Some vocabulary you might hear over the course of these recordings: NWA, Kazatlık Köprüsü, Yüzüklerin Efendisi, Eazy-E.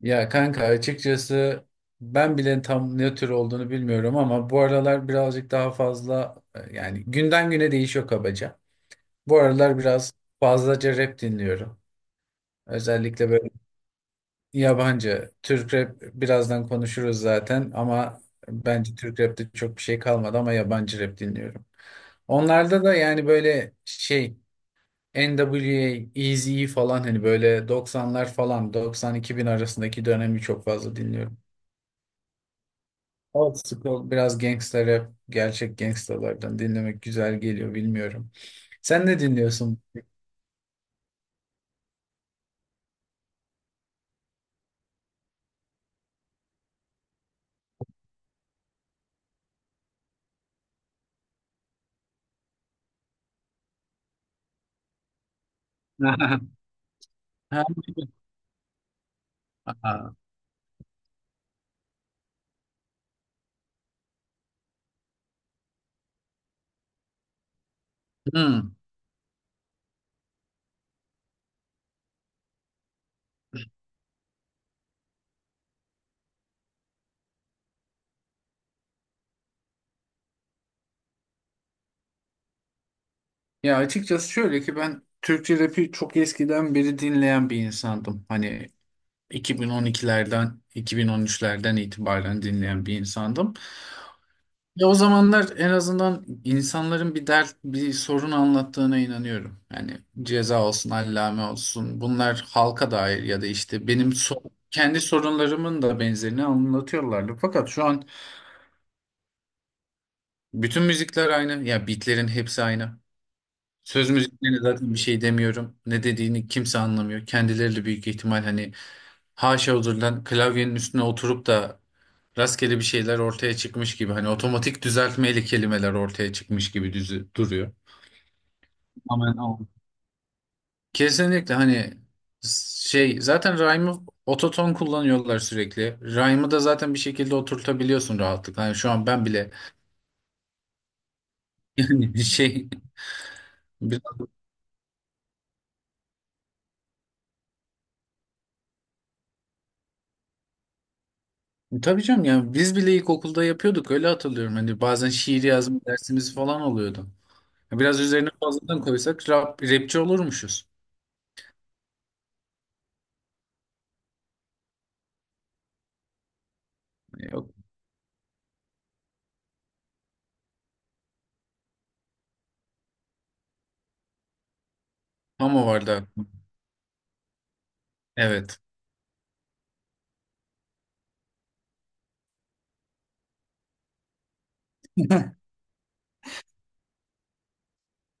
Ya kanka açıkçası ben bile tam ne tür olduğunu bilmiyorum ama bu aralar birazcık daha fazla yani günden güne değişiyor kabaca. Bu aralar biraz fazlaca rap dinliyorum. Özellikle böyle yabancı Türk rap birazdan konuşuruz zaten ama bence Türk rapte çok bir şey kalmadı ama yabancı rap dinliyorum. Onlarda da yani böyle şey NWA, Eazy-E falan hani böyle 90'lar falan 90 bin arasındaki dönemi çok fazla dinliyorum. Old school biraz gangster rap, gerçek gangstalardan dinlemek güzel geliyor bilmiyorum. Sen ne dinliyorsun? Ha. Aa. Hmm. Ya açıkçası şöyle ki ben Türkçe rapi çok eskiden beri dinleyen bir insandım. Hani 2012'lerden, 2013'lerden itibaren dinleyen bir insandım. Ya o zamanlar en azından insanların bir dert, bir sorun anlattığına inanıyorum. Yani ceza olsun, allame olsun. Bunlar halka dair ya da işte benim kendi sorunlarımın da benzerini anlatıyorlardı. Fakat şu an bütün müzikler aynı. Ya beatlerin hepsi aynı. Söz müziklerine zaten bir şey demiyorum. Ne dediğini kimse anlamıyor. Kendileri de büyük ihtimal hani haşa huzurdan klavyenin üstüne oturup da rastgele bir şeyler ortaya çıkmış gibi. Hani otomatik düzeltmeyle kelimeler ortaya çıkmış gibi duruyor. Aman aman. Kesinlikle hani şey zaten rhyme'ı ototon kullanıyorlar sürekli. Rhyme'ı da zaten bir şekilde oturtabiliyorsun rahatlıkla. Hani şu an ben bile yani şey. Tabii canım yani biz bile ilkokulda yapıyorduk öyle hatırlıyorum. Hani bazen şiir yazma dersimiz falan oluyordu. Biraz üzerine fazladan koysak rapçi olurmuşuz. Hani yok ama o vardı aklımda. Evet.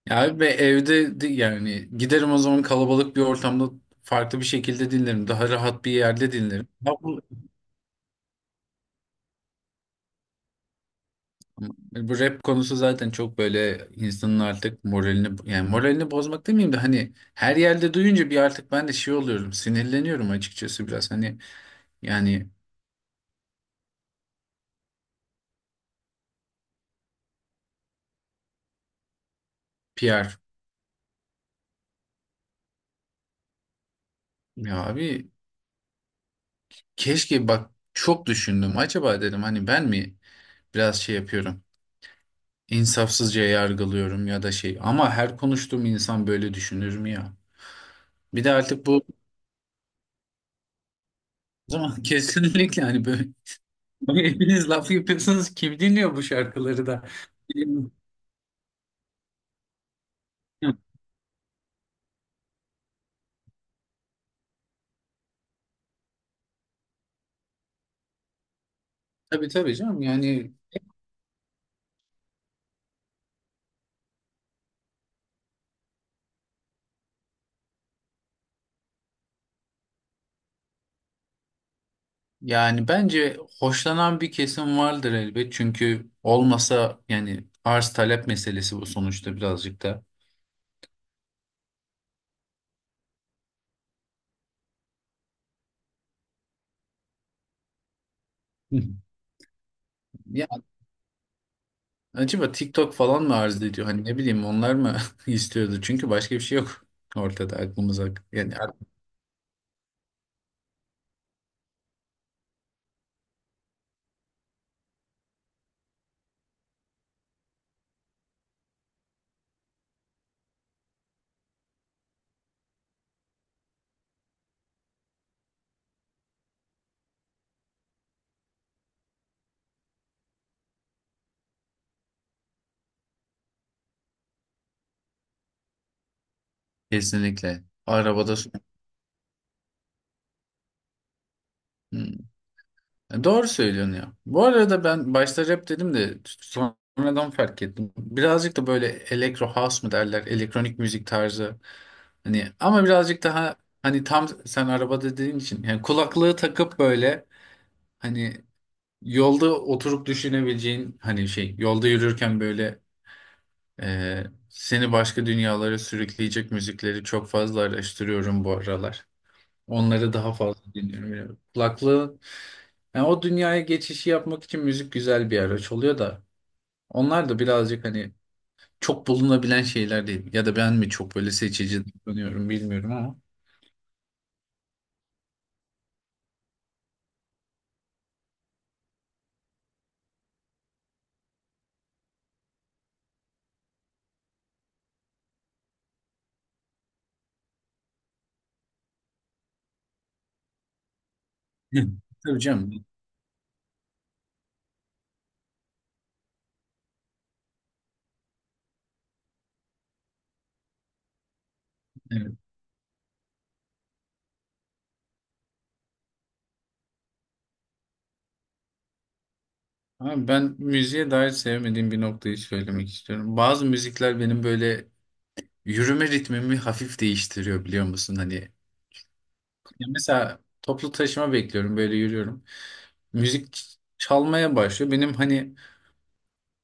Ya ve yani giderim o zaman kalabalık bir ortamda farklı bir şekilde dinlerim. Daha rahat bir yerde dinlerim. Ya bu, bu rap konusu zaten çok böyle insanın artık moralini yani moralini bozmak demeyeyim de hani her yerde duyunca bir artık ben de şey oluyorum sinirleniyorum açıkçası biraz. Hani yani PR. Ya abi keşke bak çok düşündüm. Acaba dedim hani ben mi biraz şey yapıyorum? İnsafsızca yargılıyorum ya da şey. Ama her konuştuğum insan böyle düşünür mü ya? Bir de artık bu o zaman kesinlikle hani böyle hani hepiniz laf yapıyorsunuz kim dinliyor bu şarkıları da? Hı. Tabii tabii canım yani bence hoşlanan bir kesim vardır elbet çünkü olmasa yani arz talep meselesi bu sonuçta birazcık da. Hı. Acaba TikTok falan mı arz ediyor? Hani ne bileyim onlar mı istiyordu? Çünkü başka bir şey yok ortada aklımıza. Yani kesinlikle. Arabada. Hmm. Doğru söylüyorsun ya. Bu arada ben başta rap dedim de sonradan fark ettim. Birazcık da böyle elektro house mı derler? Elektronik müzik tarzı. Hani ama birazcık daha hani tam sen arabada dediğin için yani kulaklığı takıp böyle hani yolda oturup düşünebileceğin hani şey yolda yürürken böyle seni başka dünyalara sürükleyecek müzikleri çok fazla araştırıyorum bu aralar. Onları daha fazla dinliyorum. Yani yani o dünyaya geçişi yapmak için müzik güzel bir araç oluyor da. Onlar da birazcık hani çok bulunabilen şeyler değil. Ya da ben mi çok böyle seçici davranıyorum bilmiyorum ama. Hı. Tabii canım. Evet. Ama ben müziğe dair sevmediğim bir noktayı söylemek istiyorum. Bazı müzikler benim böyle yürüme ritmimi hafif değiştiriyor biliyor musun? Hani ya mesela toplu taşıma bekliyorum böyle yürüyorum. Müzik çalmaya başlıyor. Benim hani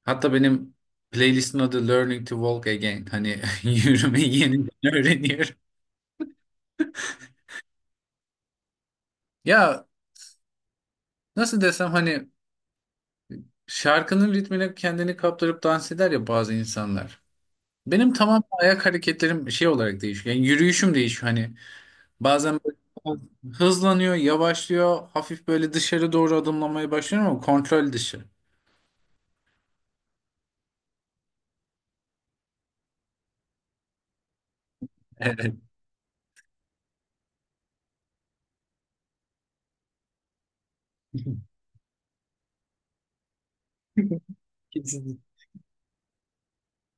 hatta benim playlistin adı Learning to Walk Again. Hani yürümeyi yeniden öğreniyorum. Ya nasıl desem hani şarkının ritmine kendini kaptırıp dans eder ya bazı insanlar. Benim tamam ayak hareketlerim şey olarak değişiyor. Yani yürüyüşüm değişiyor. Hani bazen böyle hızlanıyor, yavaşlıyor, hafif böyle dışarı doğru adımlamaya başlıyorum ama kontrol dışı. Evet.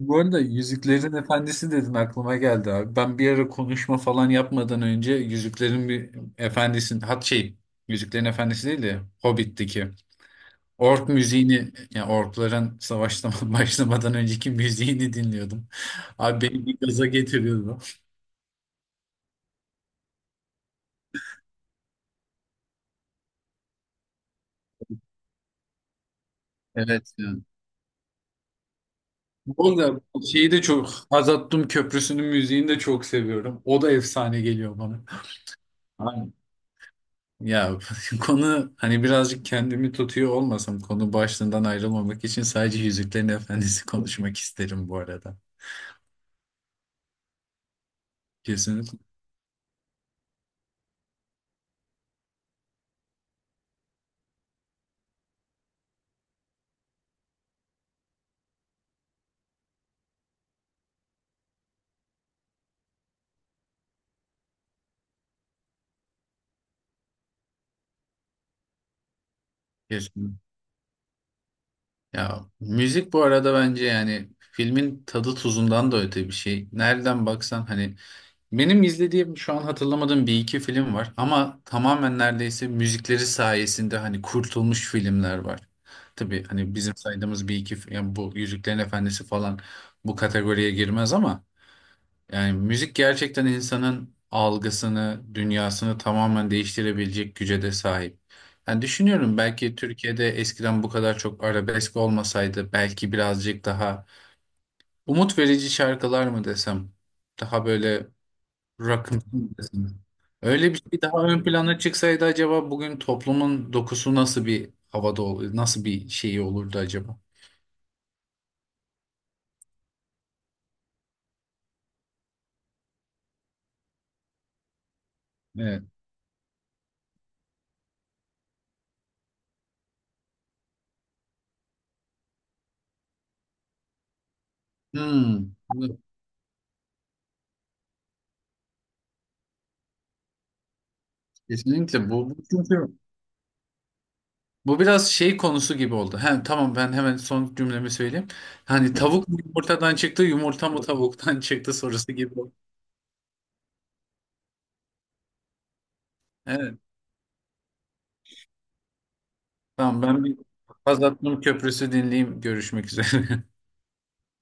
Bu arada Yüzüklerin Efendisi dedin aklıma geldi abi. Ben bir ara konuşma falan yapmadan önce Yüzüklerin bir Efendisi'nin hat şey Yüzüklerin Efendisi değil de Hobbit'teki ork müziğini yani orkların savaştan başlamadan önceki müziğini dinliyordum. Abi beni bir gaza getiriyordu. Evet. Yani. Bu arada şeyi de çok Hazattum Köprüsü'nün müziğini de çok seviyorum. O da efsane geliyor bana. Aynen. Ya konu hani birazcık kendimi tutuyor olmasam konu başlığından ayrılmamak için sadece Yüzüklerin Efendisi konuşmak isterim bu arada. Kesinlikle. Kesinlikle. Ya müzik bu arada bence yani filmin tadı tuzundan da öte bir şey. Nereden baksan hani benim izlediğim şu an hatırlamadığım bir iki film var ama tamamen neredeyse müzikleri sayesinde hani kurtulmuş filmler var. Tabii hani bizim saydığımız bir iki yani bu Yüzüklerin Efendisi falan bu kategoriye girmez ama. Yani müzik gerçekten insanın algısını, dünyasını tamamen değiştirebilecek güce de sahip. Yani düşünüyorum belki Türkiye'de eskiden bu kadar çok arabesk olmasaydı belki birazcık daha umut verici şarkılar mı desem, daha böyle rock'ımsı mı desem. Öyle bir şey daha ön plana çıksaydı acaba bugün toplumun dokusu nasıl bir havada olur, nasıl bir şeyi olurdu acaba? Evet. Hmm. Evet. Kesinlikle bu. Bu biraz şey konusu gibi oldu. Hem tamam ben hemen son cümlemi söyleyeyim. Hani tavuk mu yumurtadan çıktı, yumurta mı tavuktan çıktı sorusu gibi oldu. Evet. Tamam ben bir Kazatlık Köprüsü dinleyeyim. Görüşmek üzere.